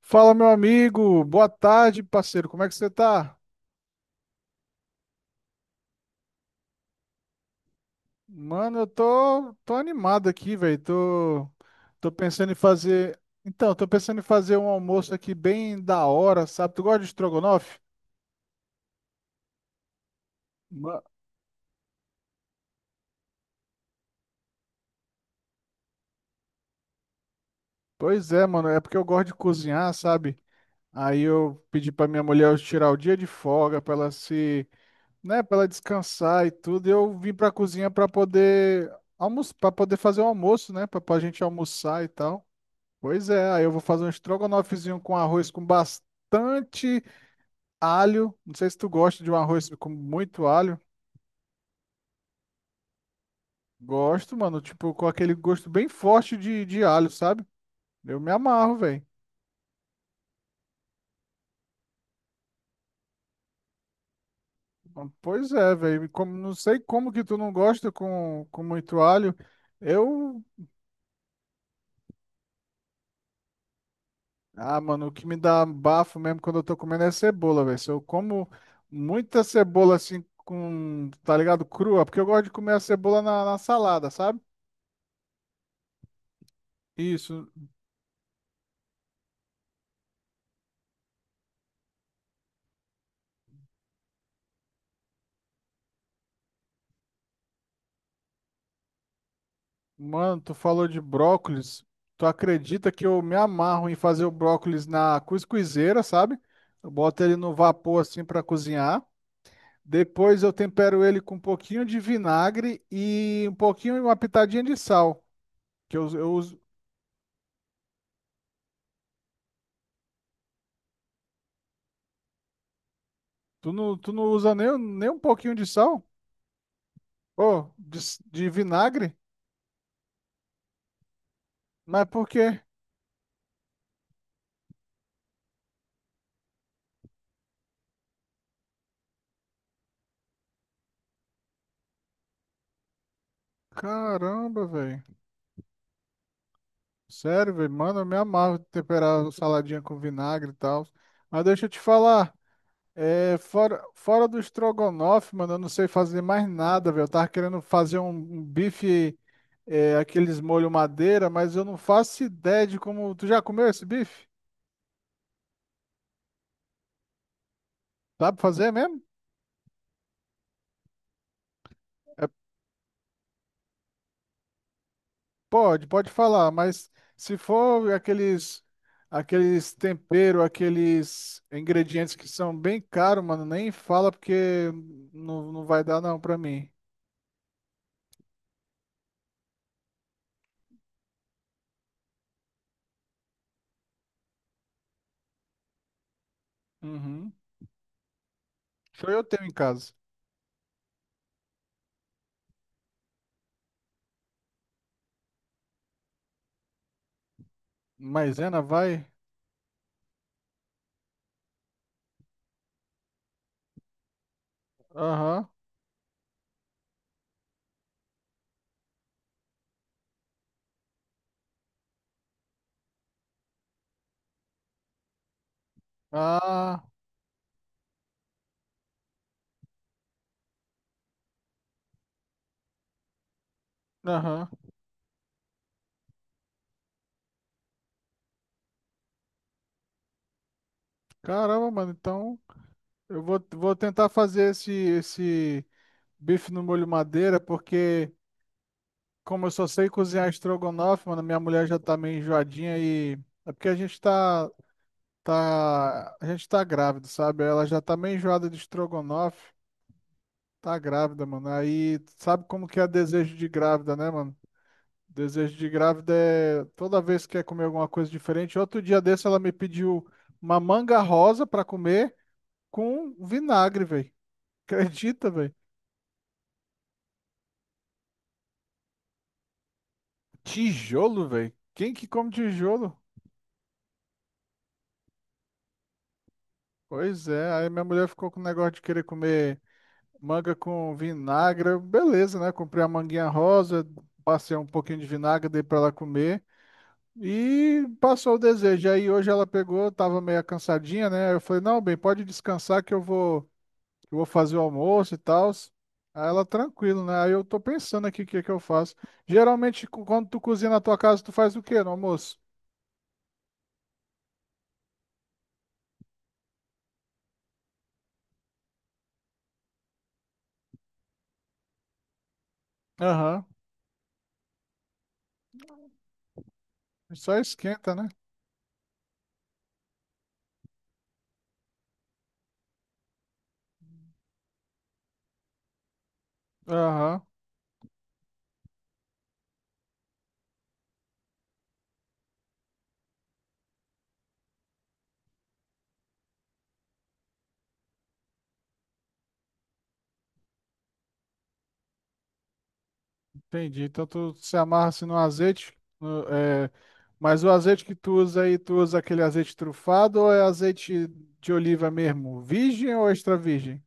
Fala, meu amigo. Boa tarde, parceiro. Como é que você tá? Mano, eu tô animado aqui, velho. Tô pensando em fazer. Então, tô pensando em fazer um almoço aqui bem da hora, sabe? Tu gosta de estrogonofe? Ma- Pois é, mano. É porque eu gosto de cozinhar, sabe? Aí eu pedi pra minha mulher tirar o dia de folga pra ela se, né, pra ela descansar e tudo. E eu vim pra cozinha pra poder almoçar, para poder fazer o almoço, né? Pra gente almoçar e tal. Pois é, aí eu vou fazer um estrogonofezinho com arroz com bastante alho. Não sei se tu gosta de um arroz com muito alho. Gosto, mano, tipo, com aquele gosto bem forte de alho, sabe? Eu me amarro, velho. Pois é, velho. Como, não sei como que tu não gosta com muito alho. Eu. Ah, mano, o que me dá bafo mesmo quando eu tô comendo é cebola, velho. Se eu como muita cebola assim, com, tá ligado? Crua, porque eu gosto de comer a cebola na na salada, sabe? Isso. Mano, tu falou de brócolis. Tu acredita que eu me amarro em fazer o brócolis na cuscuzeira, sabe? Eu boto ele no vapor assim para cozinhar. Depois eu tempero ele com um pouquinho de vinagre e um pouquinho, uma pitadinha de sal. Que eu uso. Tu não usa nem um pouquinho de sal? Ô, de, de vinagre? Mas por quê? Caramba, velho. Sério, velho. Mano, eu me amarro em temperar saladinha com vinagre e tal. Mas deixa eu te falar. É, fora do estrogonofe, mano, eu não sei fazer mais nada, velho. Eu tava querendo fazer um bife, é, aqueles molho madeira, mas eu não faço ideia de como. Tu já comeu esse bife? Dá pra fazer mesmo? É, pode falar, mas se for aqueles, aqueles tempero, aqueles ingredientes que são bem caros, mano, nem fala porque não vai dar não pra mim. Uhum. Só eu tenho em casa. Maisena vai? Aham. Ah. Aham. Caramba, mano, então eu vou tentar fazer esse bife no molho madeira, porque como eu só sei cozinhar estrogonofe, mano, minha mulher já tá meio enjoadinha e é porque a gente tá grávido, sabe? Ela já tá meio enjoada de estrogonofe, tá grávida, mano. Aí sabe como que é desejo de grávida, né, mano? Desejo de grávida é toda vez que quer comer alguma coisa diferente. Outro dia desse ela me pediu uma manga rosa pra comer com vinagre, velho. Acredita, velho? Tijolo, velho? Quem que come tijolo? Pois é, aí minha mulher ficou com o negócio de querer comer manga com vinagre. Eu, beleza, né? Comprei a manguinha rosa, passei um pouquinho de vinagre, dei pra ela comer. E passou o desejo. Aí hoje ela pegou, tava meio cansadinha, né? Aí eu falei, não, bem, pode descansar que eu eu vou fazer o almoço e tal. Aí ela, tranquilo, né? Aí eu tô pensando aqui o que que eu faço. Geralmente, quando tu cozinha na tua casa, tu faz o quê no almoço? Aham. Só esquenta, né? Aham, entendi. Então tu se amarra assim no azeite, é, mas o azeite que tu usa aí, tu usa aquele azeite trufado ou é azeite de oliva mesmo? Virgem ou extra virgem?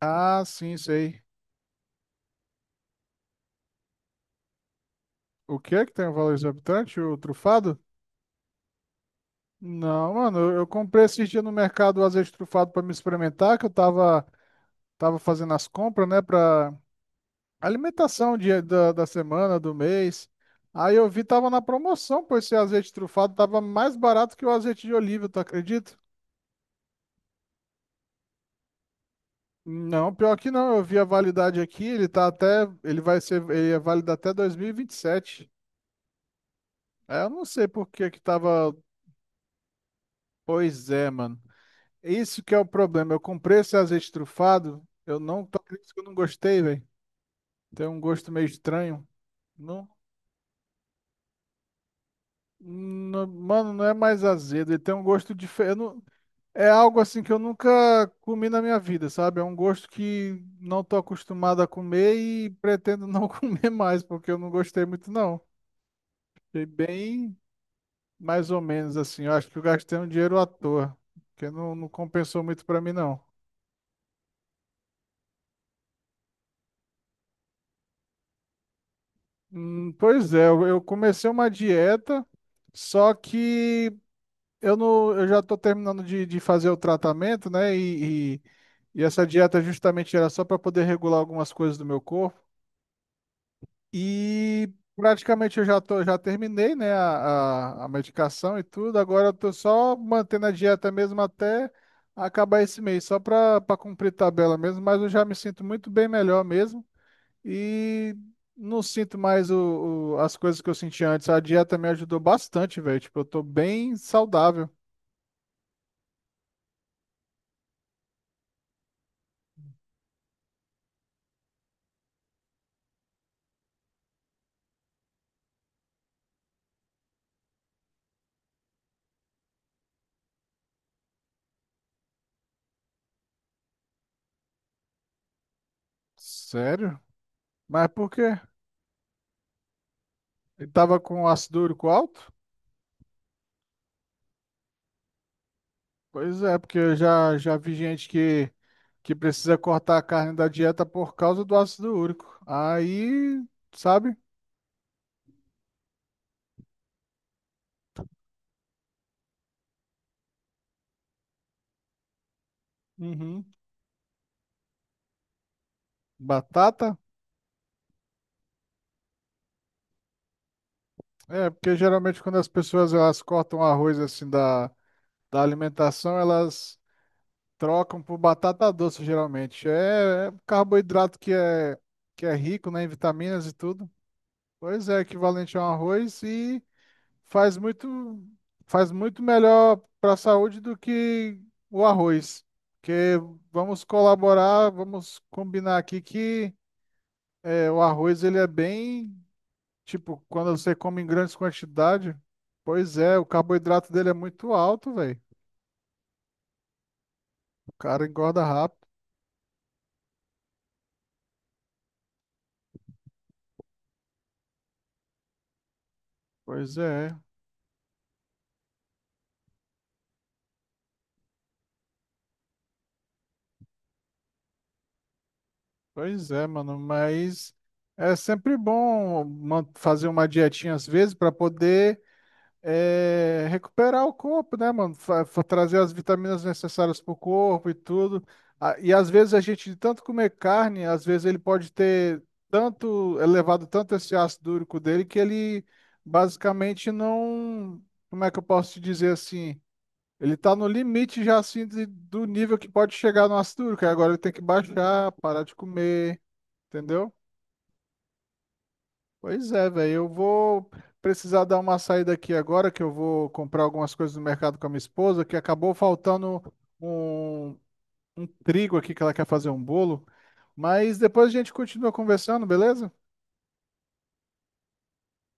Ah, sim, sei. O que é que tem o valor exorbitante? O trufado? Não, mano, eu comprei esses dias no mercado o azeite trufado para me experimentar, que eu tava fazendo as compras, né, para alimentação dia da semana, do mês. Aí eu vi, tava na promoção, pois esse azeite trufado tava mais barato que o azeite de oliva, tu acredita? Não, pior que não, eu vi a validade aqui, ele tá até, ele vai ser, ele é válido até 2027. É, eu não sei por que que tava, pois é, mano. Isso que é o problema, eu comprei esse azeite trufado, eu não, tu acredita que eu não gostei, velho? Tem um gosto meio estranho. Não, mano, não é mais azedo, ele tem um gosto diferente. É algo assim que eu nunca comi na minha vida, sabe? É um gosto que não tô acostumado a comer e pretendo não comer mais, porque eu não gostei muito, não. Fiquei bem mais ou menos assim. Eu acho que eu gastei um dinheiro à toa, porque não compensou muito pra mim, não. Pois é, eu comecei uma dieta, só que eu não, eu já estou terminando de fazer o tratamento, né? E essa dieta justamente era só para poder regular algumas coisas do meu corpo. E praticamente eu já tô, já terminei, né, a medicação e tudo. Agora eu tô só mantendo a dieta mesmo até acabar esse mês, só para cumprir tabela mesmo. Mas eu já me sinto muito bem melhor mesmo e não sinto mais as coisas que eu sentia antes. A dieta me ajudou bastante, velho. Tipo, eu tô bem saudável. Sério? Mas por quê? Ele tava com ácido úrico alto? Pois é, porque eu já vi gente que precisa cortar a carne da dieta por causa do ácido úrico. Aí, sabe? Uhum. Batata? É, porque geralmente quando as pessoas elas cortam arroz assim da alimentação, elas trocam por batata doce, geralmente. É, é carboidrato que é rico, né, em vitaminas e tudo. Pois é, equivalente a um arroz e faz muito, faz muito melhor para a saúde do que o arroz. Porque vamos colaborar, vamos combinar aqui que é, o arroz ele é bem, tipo, quando você come em grandes quantidades, pois é, o carboidrato dele é muito alto, velho. O cara engorda rápido. Pois é, Pois é, mano. Mas é sempre bom fazer uma dietinha às vezes para poder é, recuperar o corpo, né, mano? Trazer as vitaminas necessárias pro corpo e tudo. Ah, e às vezes a gente, de tanto comer carne, às vezes ele pode ter tanto, elevado tanto esse ácido úrico dele que ele basicamente não, como é que eu posso te dizer assim? Ele tá no limite já assim do nível que pode chegar no ácido úrico. Aí agora ele tem que baixar, parar de comer, entendeu? Pois é, velho. Eu vou precisar dar uma saída aqui agora, que eu vou comprar algumas coisas no mercado com a minha esposa, que acabou faltando um, um trigo aqui que ela quer fazer um bolo. Mas depois a gente continua conversando, beleza?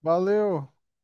Valeu.